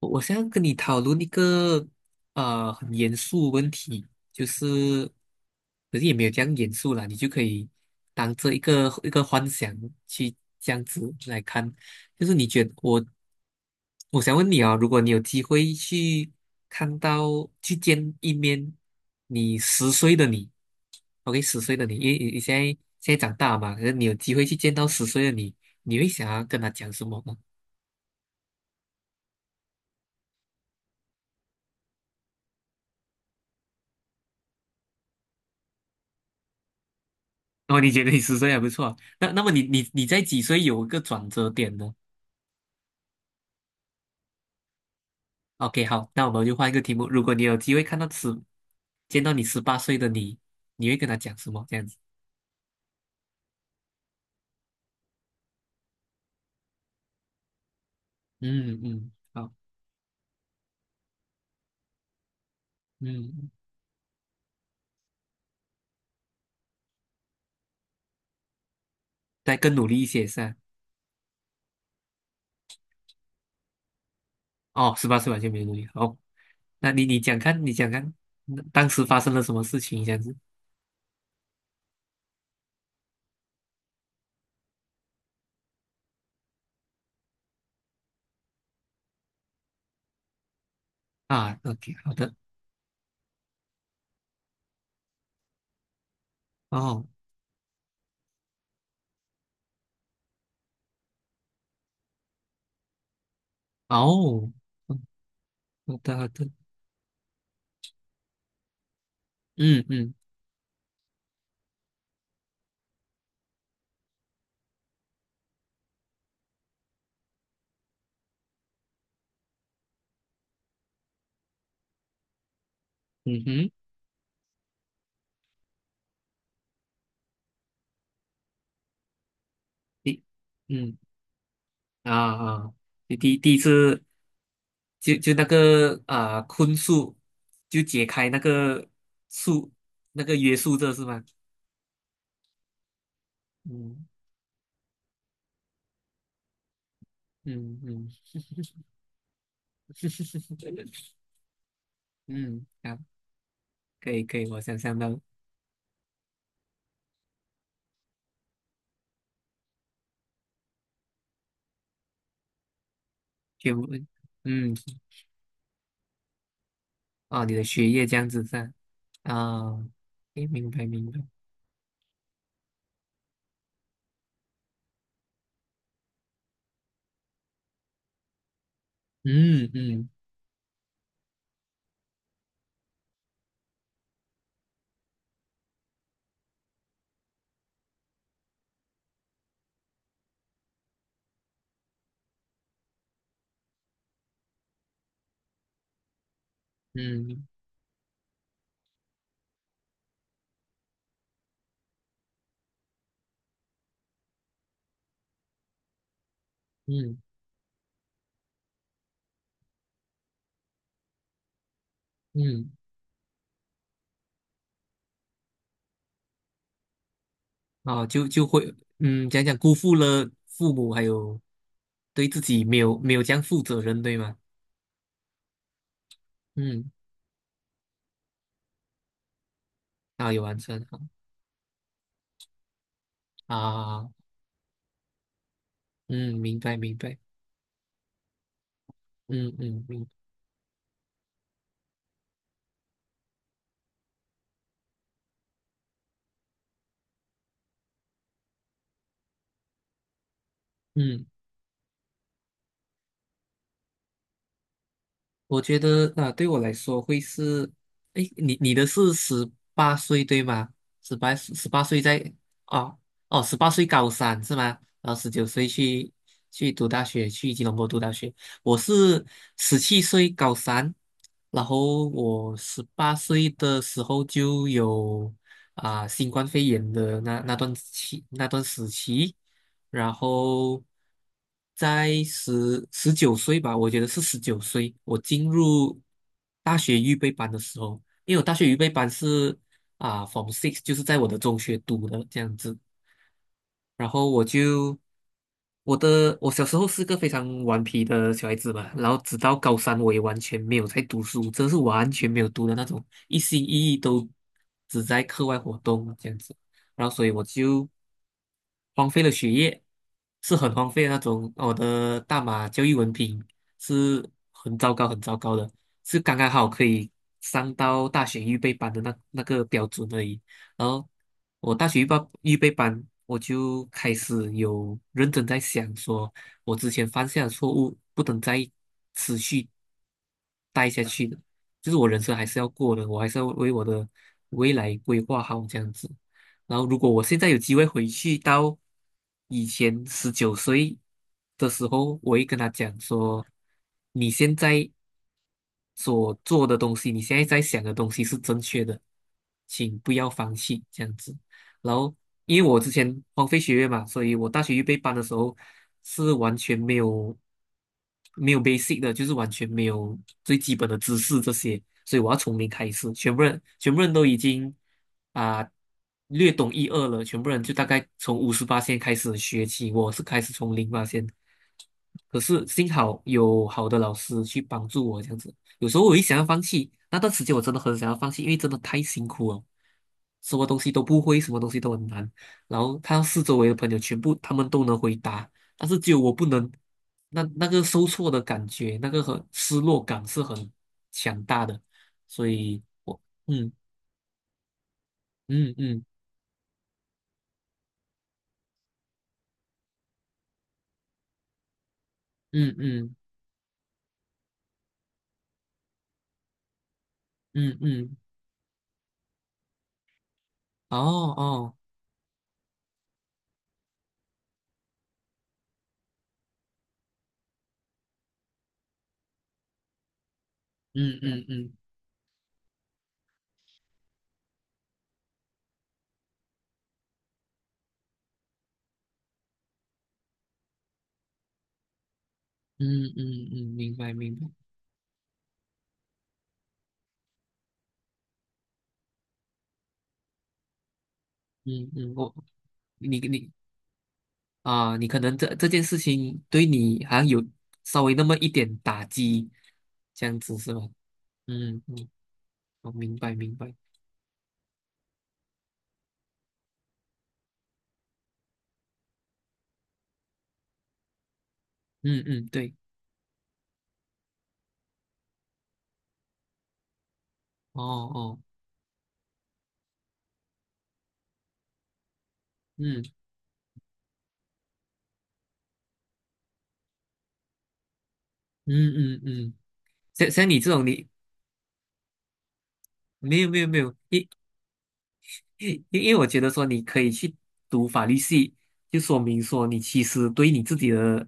我想要跟你讨论一个很严肃的问题，就是，可是也没有这样严肃啦，你就可以当这一个幻想去这样子来看，就是你觉得我，我想问你啊，如果你有机会去去见一面你十岁的你，OK，十岁的你，因为你现在长大嘛，可是你有机会去见到十岁的你，你会想要跟他讲什么呢？哦，你觉得你十岁还不错啊那么你在几岁有一个转折点呢？OK，好，那我们就换一个题目。如果你有机会看到十，见到你十八岁的你，你会跟他讲什么？这样子，嗯嗯，好，嗯，再更努力一些是吧？哦，十八岁完全没努力。好，那你讲看，你讲看，当时发生了什么事情？这样子，啊，OK，好的，哦哦，嗯，好的好的，嗯嗯，嗯哼，第嗯啊啊，第第第一次。就那个啊、坤数，就解开那个数那个约束这是吗？嗯嗯嗯 嗯，啊，可以可以，我想象到。全部，嗯，哦，你的学业这样子噻，啊，诶，明白明白，嗯嗯嗯嗯嗯，啊，就会，嗯，讲讲辜负了父母，还有对自己没有没有这样负责任，对吗？嗯，啊，有完成，好啊。嗯，明白明白，嗯嗯，嗯，我觉得啊，对我来说会是，哎，你的是十八岁对吗？十八十八岁在哦哦，十八岁高三是吗？然后十九岁去读大学，去吉隆坡读大学。我是17岁高三，然后我十八岁的时候就有新冠肺炎的那段时期。然后在十九岁吧，我觉得是十九岁，我进入大学预备班的时候，因为我大学预备班是f r o m Six，就是在我的中学读的这样子，然后我就我的我小时候是个非常顽皮的小孩子嘛，然后直到高三我也完全没有在读书，真的是完全没有读的那种，一心一意都只在课外活动这样子，然后所以我就荒废了学业，是很荒废的那种。我的大马教育文凭是很糟糕很糟糕的，是刚刚好可以上到大学预备班的那个标准而已。然后我大学预备班，我就开始有认真在想说，我之前犯下的错误不能再持续待下去的，就是我人生还是要过的，我还是要为我的未来规划好这样子。然后，如果我现在有机会回去到以前十九岁的时候，我会跟他讲说，你现在所做的东西，你现在在想的东西是正确的，请不要放弃这样子。然后，因为我之前荒废学业嘛，所以我大学预备班的时候是完全没有 basic 的，就是完全没有最基本的知识这些，所以我要从零开始。全部人都已经啊、略懂一二了，全部人就大概从58线开始学起，我是开始从08线。可是幸好有好的老师去帮助我，这样子。有时候我一想要放弃，那段时间我真的很想要放弃，因为真的太辛苦了，什么东西都不会，什么东西都很难。然后看到四周围的朋友全部他们都能回答，但是只有我不能，那个受挫的感觉，那个很失落感是很强大的。所以，嗯嗯嗯嗯嗯嗯嗯，哦哦，嗯嗯嗯嗯嗯嗯，嗯，明白明白。嗯嗯，你你可能这件事情对你好像有稍微那么一点打击，这样子是吧？嗯嗯，我明白明白，嗯嗯，对，哦哦，嗯嗯嗯嗯，像你这种你，没有没有没有，因为我觉得说你可以去读法律系，就说明说你其实对你自己的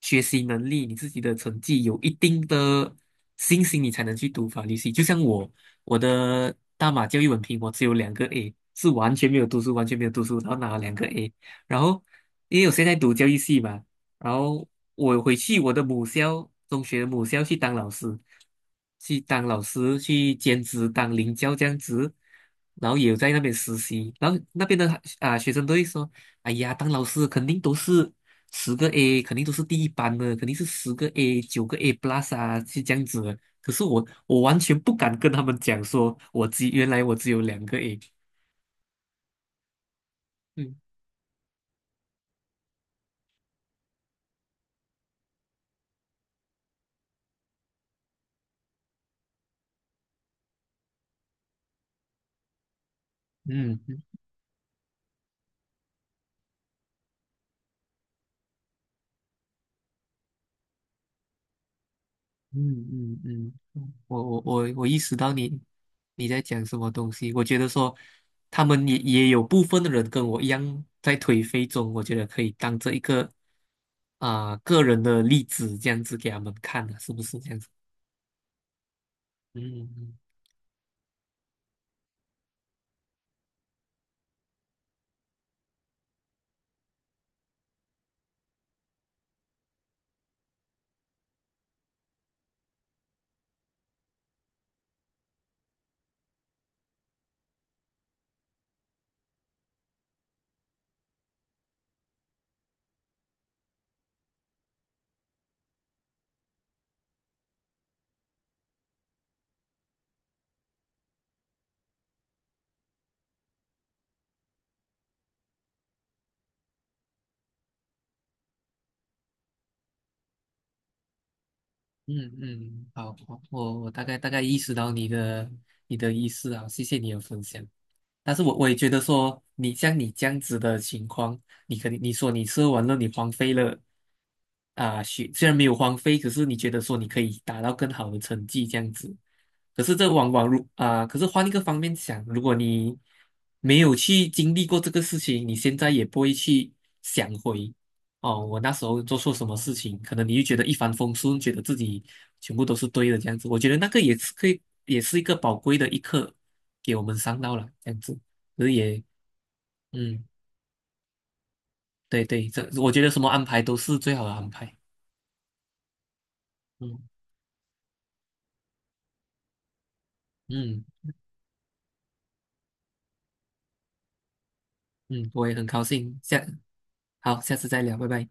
学习能力、你自己的成绩有一定的信心，你才能去读法律系。就像我，我的大马教育文凭我只有两个 A，是完全没有读书，完全没有读书，然后拿了两个 A。然后因为我现在读教育系嘛，然后我回去我的母校，中学的母校去当老师，去当老师，去兼职当领教这样子，然后也有在那边实习，然后那边的学生都会说，哎呀，当老师肯定都是十个 A，肯定都是第一班的，肯定是十个 A、9个 A plus 啊，是这样子的。可是我完全不敢跟他们讲说，原来我只有两个 A，嗯嗯。嗯嗯嗯，我意识到你在讲什么东西。我觉得说，他们也有部分的人跟我一样在颓废中，我觉得可以当这一个个人的例子，这样子给他们看的，是不是这样子？嗯嗯嗯嗯，好，我大概大概意识到你的意思啊，谢谢你的分享。但是我也觉得说，你像你这样子的情况，你肯定你说你射完了，你荒废了啊，虽然没有荒废，可是你觉得说你可以达到更好的成绩这样子，可是这往往如啊、可是换一个方面想，如果你没有去经历过这个事情，你现在也不会去想回，哦，我那时候做错什么事情，可能你就觉得一帆风顺，觉得自己全部都是对的这样子。我觉得那个也是可以，也是一个宝贵的一课，给我们上到了这样子。可是也，嗯，对对，这我觉得什么安排都是最好的安排。嗯嗯嗯，我也很高兴，好，下次再聊，拜拜。